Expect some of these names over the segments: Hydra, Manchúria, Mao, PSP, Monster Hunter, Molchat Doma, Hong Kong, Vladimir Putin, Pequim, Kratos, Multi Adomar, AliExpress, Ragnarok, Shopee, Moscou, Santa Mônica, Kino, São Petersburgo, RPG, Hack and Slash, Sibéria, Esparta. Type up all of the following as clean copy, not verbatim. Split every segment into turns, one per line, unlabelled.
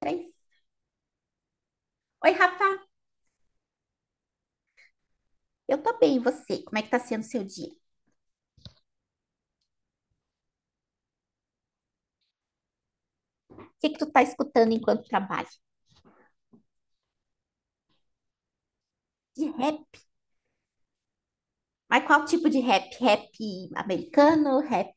Três. Oi, Rafa, eu tô bem, e você? Como é que tá sendo o seu dia? O que que tu tá escutando enquanto trabalha? De rap? Mas qual tipo de rap? Rap americano, rap.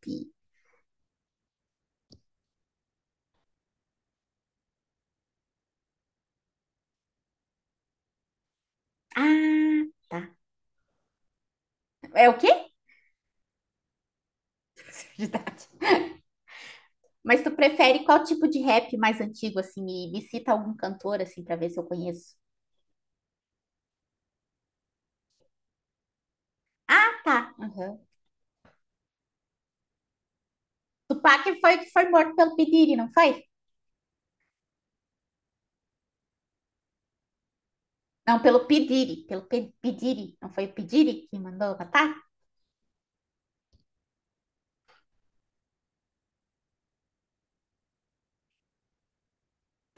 Ah, tá. É o quê? Verdade. Mas tu prefere qual tipo de rap mais antigo, assim, e me cita algum cantor, assim, pra ver se eu conheço. Ah, tá. Uhum. Tupac foi o que foi morto pelo P. Diddy, não foi? Não, pelo P. Diddy, pelo P. Diddy. Não foi o P. Diddy que mandou matar?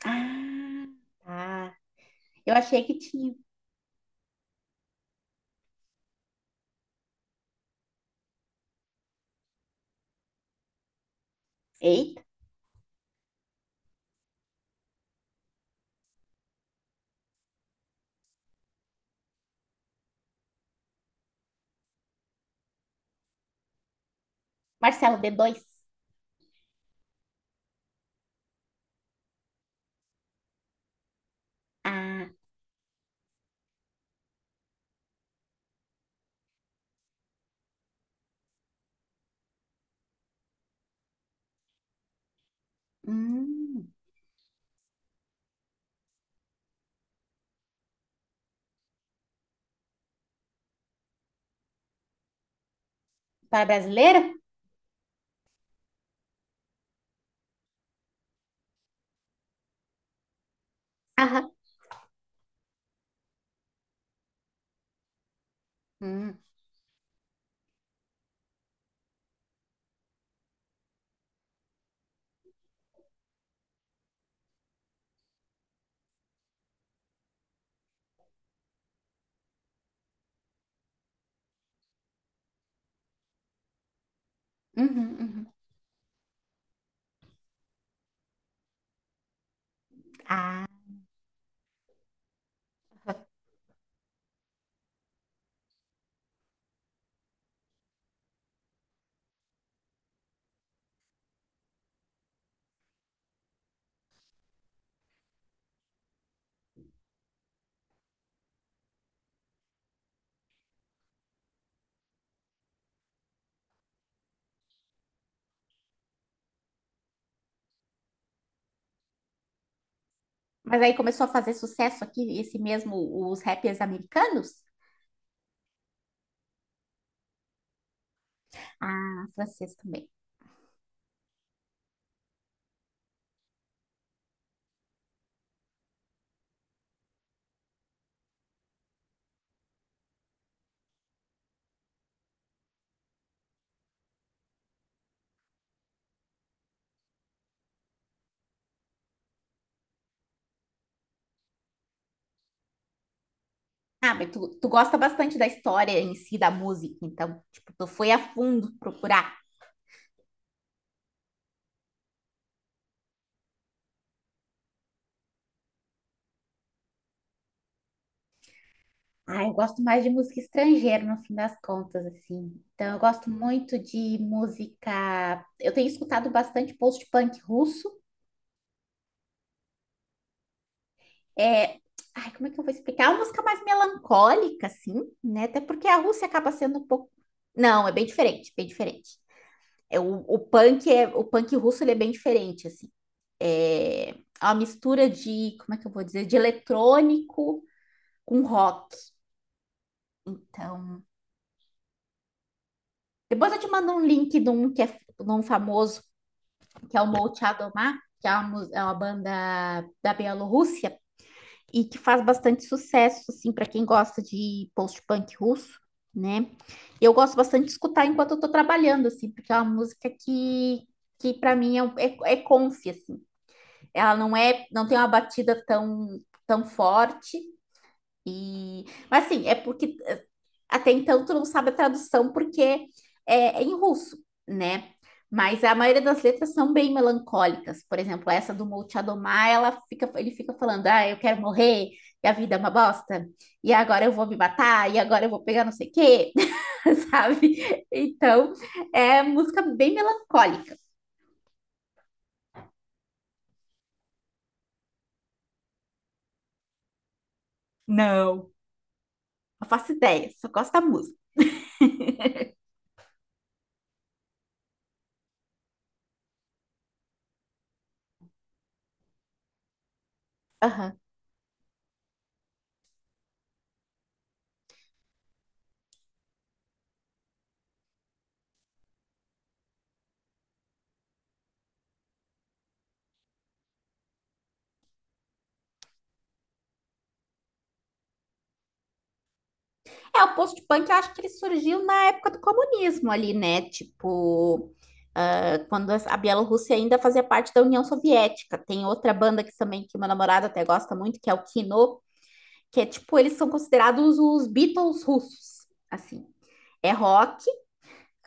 Ah, tá. Eu achei que tinha. Eita. Marcelo D2. Ah, hum. Para brasileiro? Aham. Hum, uhum, uhum. Ah, mas aí começou a fazer sucesso aqui, esse mesmo, os rappers americanos? Ah, francês também. Ah, mas tu gosta bastante da história em si, da música, então, tipo, tu foi a fundo procurar. Ah, eu gosto mais de música estrangeira, no fim das contas, assim. Então, eu gosto muito de música. Eu tenho escutado bastante post-punk russo. é, Ai, como é que eu vou explicar? É uma música mais melancólica, assim, né? Até porque a Rússia acaba sendo um pouco. Não, é bem diferente, bem diferente. É, o punk russo ele é bem diferente, assim. É é uma mistura de, como é que eu vou dizer, de eletrônico com rock. Então, depois eu te mando um link de um que é de um famoso, que é o Molchat Doma, que é uma banda da Bielorrússia, e que faz bastante sucesso, assim, para quem gosta de post-punk russo, né? Eu gosto bastante de escutar enquanto eu tô trabalhando, assim, porque é uma música que para mim é comfy, assim. Ela não é, não tem uma batida tão, tão forte. E, mas assim, é porque até então, tu não sabe a tradução porque é em russo, né? Mas a maioria das letras são bem melancólicas. Por exemplo, essa do Multi Adomar, ela fica, ele fica falando: ah, eu quero morrer, e a vida é uma bosta, e agora eu vou me matar, e agora eu vou pegar não sei o quê, sabe? Então, é música bem melancólica. Não, não faço ideia, só gosto da música. Aham. É, o post-punk, eu acho que ele surgiu na época do comunismo ali, né? Tipo, ah, quando a Bielorrússia ainda fazia parte da União Soviética. Tem outra banda que também, que meu namorado até gosta muito, que é o Kino, que é tipo, eles são considerados os Beatles russos, assim. É rock,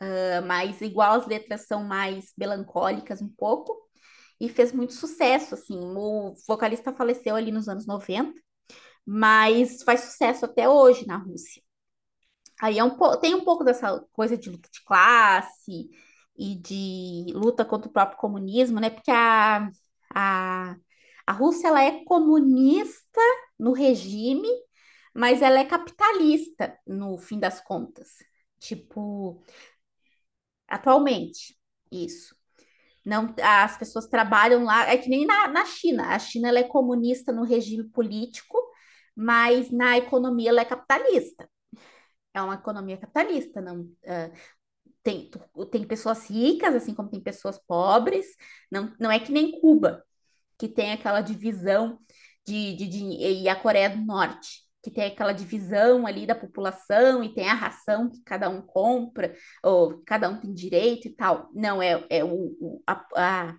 ah, mas igual as letras são mais melancólicas um pouco, e fez muito sucesso, assim. O vocalista faleceu ali nos anos 90, mas faz sucesso até hoje na Rússia. Aí é tem um pouco dessa coisa de luta de classe e de luta contra o próprio comunismo, né? Porque a, a Rússia ela é comunista no regime, mas ela é capitalista no fim das contas. Tipo, atualmente, isso. Não, as pessoas trabalham lá, é que nem na China. A China ela é comunista no regime político, mas na economia ela é capitalista. É uma economia capitalista, não tem, tem pessoas ricas, assim como tem pessoas pobres. Não, não é que nem Cuba, que tem aquela divisão e a Coreia do Norte, que tem aquela divisão ali da população e tem a ração que cada um compra, ou cada um tem direito e tal. Não, o- a, a,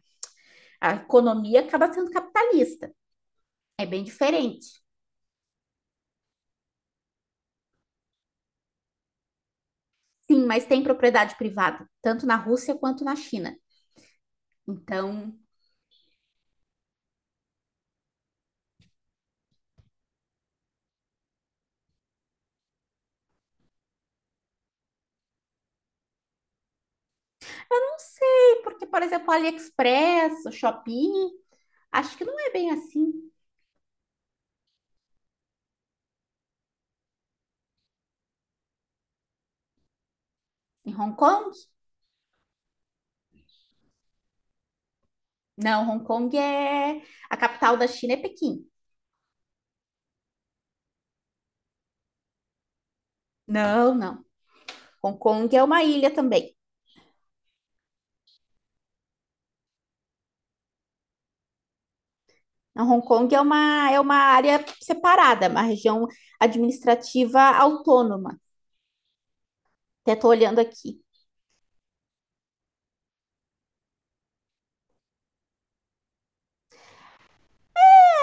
a economia acaba sendo capitalista. É bem diferente. Sim, mas tem propriedade privada, tanto na Rússia quanto na China. Então, não sei, porque, por exemplo, AliExpress, o Shopee, acho que não é bem assim. Em Hong Kong? Não, Hong Kong é. A capital da China é Pequim. Não, não. Hong Kong é uma ilha também. Não, Hong Kong é uma área separada, uma região administrativa autônoma. Até tô olhando aqui.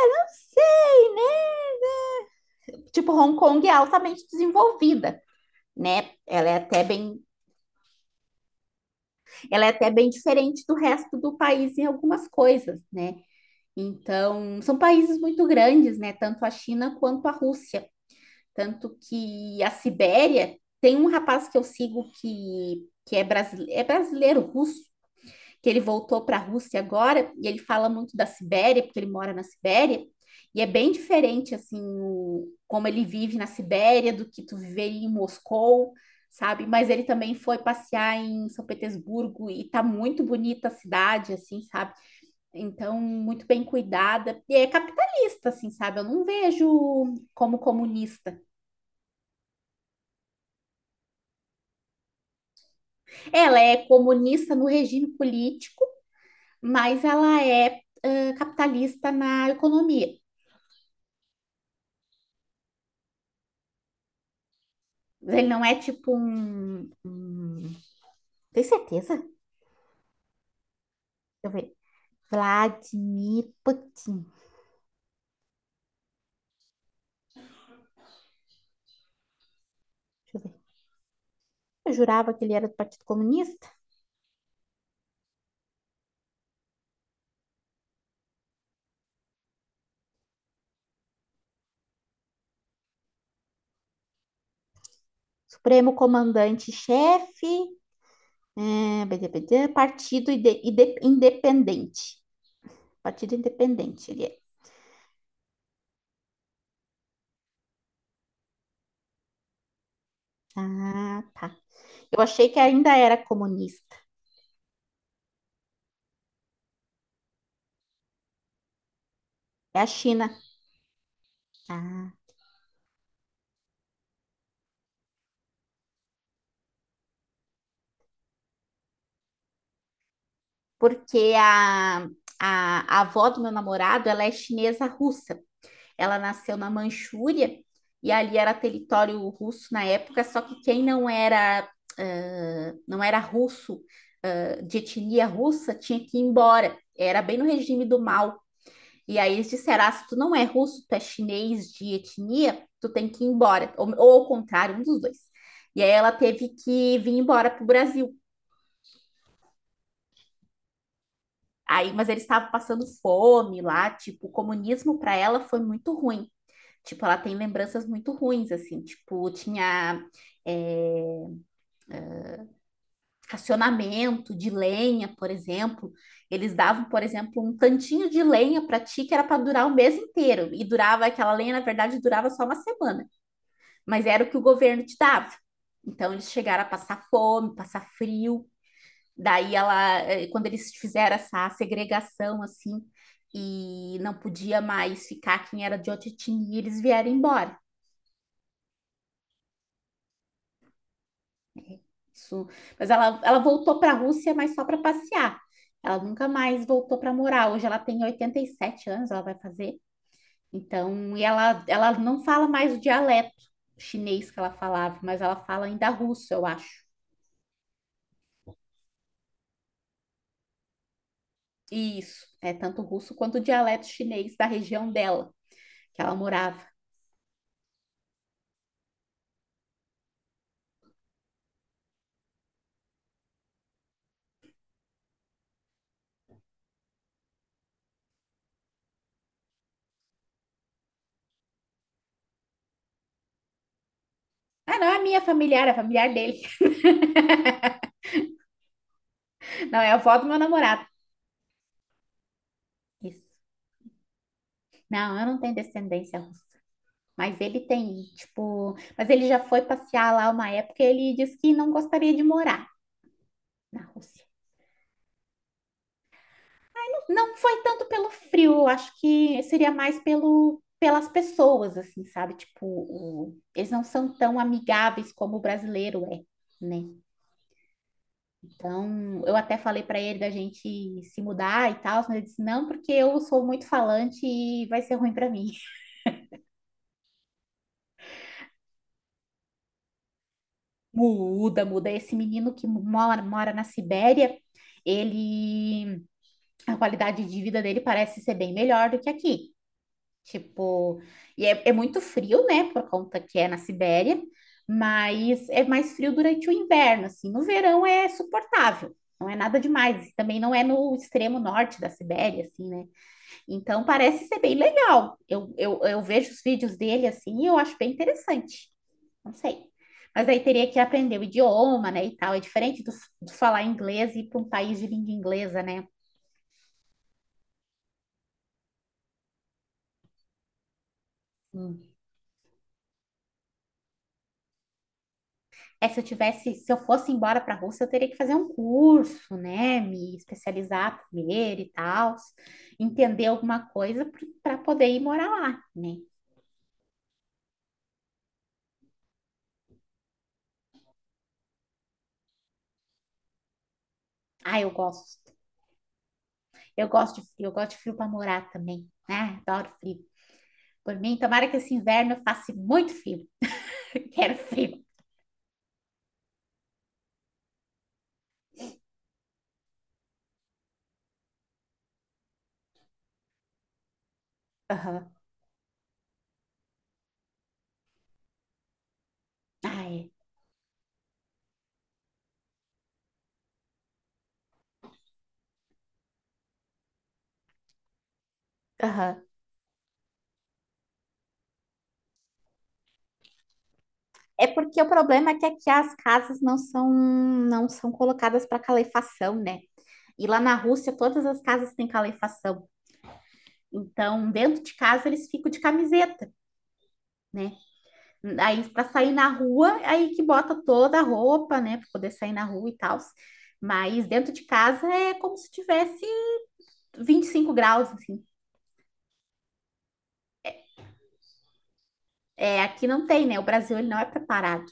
Não sei, né? Tipo, Hong Kong é altamente desenvolvida, né? Ela é até bem diferente do resto do país em algumas coisas, né? Então, são países muito grandes, né? Tanto a China quanto a Rússia. Tanto que a Sibéria tem um rapaz que eu sigo que é brasileiro russo, que ele voltou para a Rússia agora, e ele fala muito da Sibéria, porque ele mora na Sibéria, e é bem diferente assim como ele vive na Sibéria do que tu viver em Moscou, sabe? Mas ele também foi passear em São Petersburgo e tá muito bonita a cidade, assim, sabe? Então, muito bem cuidada. E é capitalista, assim, sabe? Eu não vejo como comunista. Ela é comunista no regime político, mas ela é capitalista na economia. Ele não é tipo um. Tem certeza? Deixa eu ver. Vladimir Putin. Deixa eu ver. Eu jurava que ele era do Partido Comunista. Supremo Comandante-Chefe. BDBD, partido Independente. Partido Independente ele é. Ah, tá. Eu achei que ainda era comunista. É a China. Ah, porque a avó do meu namorado, ela é chinesa russa. Ela nasceu na Manchúria e ali era território russo na época, só que quem não era, ah, não era russo, de etnia russa, tinha que ir embora. Era bem no regime do Mao. E aí eles disseram: ah, se tu não é russo, tu é chinês de etnia, tu tem que ir embora. Ou ao contrário, um dos dois. E aí ela teve que vir embora pro Brasil. Aí, mas eles estavam passando fome lá, tipo, o comunismo para ela foi muito ruim. Tipo, ela tem lembranças muito ruins, assim, tipo, tinha é, racionamento de lenha, por exemplo. Eles davam, por exemplo, um tantinho de lenha para ti que era para durar o mês inteiro. E durava, aquela lenha, na verdade, durava só uma semana. Mas era o que o governo te dava. Então eles chegaram a passar fome, passar frio. Daí ela, quando eles fizeram essa segregação assim, e não podia mais ficar quem era de outra etnia, eles vieram embora. Isso, mas ela voltou para a Rússia, mas só para passear. Ela nunca mais voltou para morar. Hoje ela tem 87 anos, ela vai fazer. Então, e ela não fala mais o dialeto chinês que ela falava, mas ela fala ainda russo, eu acho. Isso, é tanto russo quanto o dialeto chinês da região dela, que ela morava. Ah, não é minha familiar, é familiar dele. Não, é a avó do meu namorado. Isso. Não, eu não tenho descendência russa. Mas ele tem, tipo. Mas ele já foi passear lá uma época e ele disse que não gostaria de morar na Rússia. Não foi tanto pelo frio, eu acho que seria mais pelo, pelas pessoas, assim, sabe? Tipo, eles não são tão amigáveis como o brasileiro é, né? Então, eu até falei para ele da gente se mudar e tal, mas ele disse não, porque eu sou muito falante e vai ser ruim para mim. Muda, muda. Esse menino que mora na Sibéria, ele, a qualidade de vida dele parece ser bem melhor do que aqui. Tipo, e é muito frio, né, por conta que é na Sibéria, mas é mais frio durante o inverno, assim. No verão é suportável, não é nada demais. Também não é no extremo norte da Sibéria, assim, né? Então parece ser bem legal. Eu vejo os vídeos dele assim e eu acho bem interessante. Não sei. Mas aí teria que aprender o idioma, né, e tal. É diferente do falar inglês e ir para um país de língua inglesa, né? Hum. É, se eu fosse embora para a Rússia, eu teria que fazer um curso, né? Me especializar primeiro e tal, entender alguma coisa para poder ir morar lá, né? Ah, eu gosto. Eu gosto de frio, eu gosto de frio para morar também. Né, adoro frio. Por mim, tomara que esse inverno eu faça muito frio. Quero frio. Aham. Ah, é. Aham. É porque o problema é que aqui as casas não são colocadas para calefação, né? E lá na Rússia todas as casas têm calefação. Então, dentro de casa eles ficam de camiseta, né? Aí para sair na rua, aí que bota toda a roupa, né, para poder sair na rua e tal. Mas dentro de casa é como se tivesse 25 graus, assim. É, aqui não tem, né? O Brasil ele não é preparado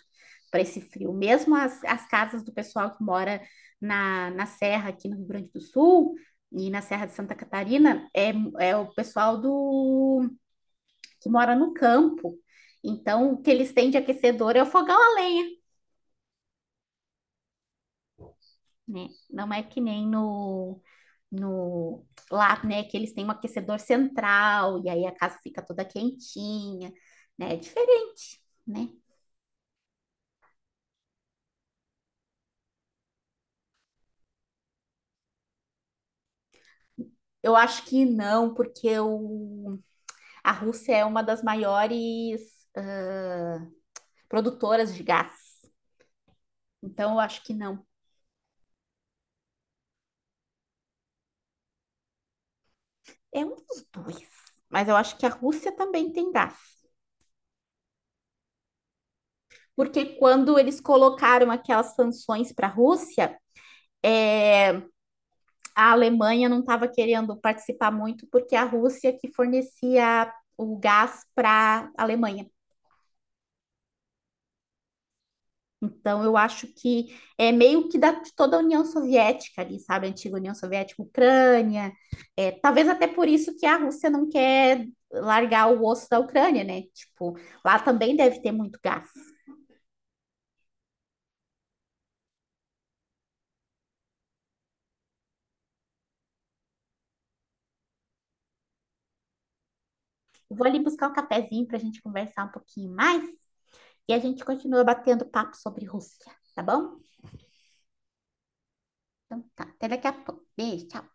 para esse frio. Mesmo as casas do pessoal que mora na Serra, aqui no Rio Grande do Sul, e na Serra de Santa Catarina, é o pessoal do que mora no campo. Então, o que eles têm de aquecedor é o fogão a lenha, né? Não é que nem no lá, né? Que eles têm um aquecedor central, e aí a casa fica toda quentinha, né? É diferente, né? Eu acho que não, porque o A Rússia é uma das maiores ah, produtoras de gás. Então, eu acho que não. É um dos dois. Mas eu acho que a Rússia também tem gás. Porque quando eles colocaram aquelas sanções para a Rússia, é, a Alemanha não estava querendo participar muito, porque a Rússia que fornecia o gás para a Alemanha. Então, eu acho que é meio que de toda a União Soviética ali, sabe? A antiga União Soviética, Ucrânia. É, talvez até por isso que a Rússia não quer largar o osso da Ucrânia, né? Tipo, lá também deve ter muito gás. Eu vou ali buscar um cafezinho para a gente conversar um pouquinho mais e a gente continua batendo papo sobre Rússia, tá bom? Então tá, até daqui a pouco. Beijo, tchau.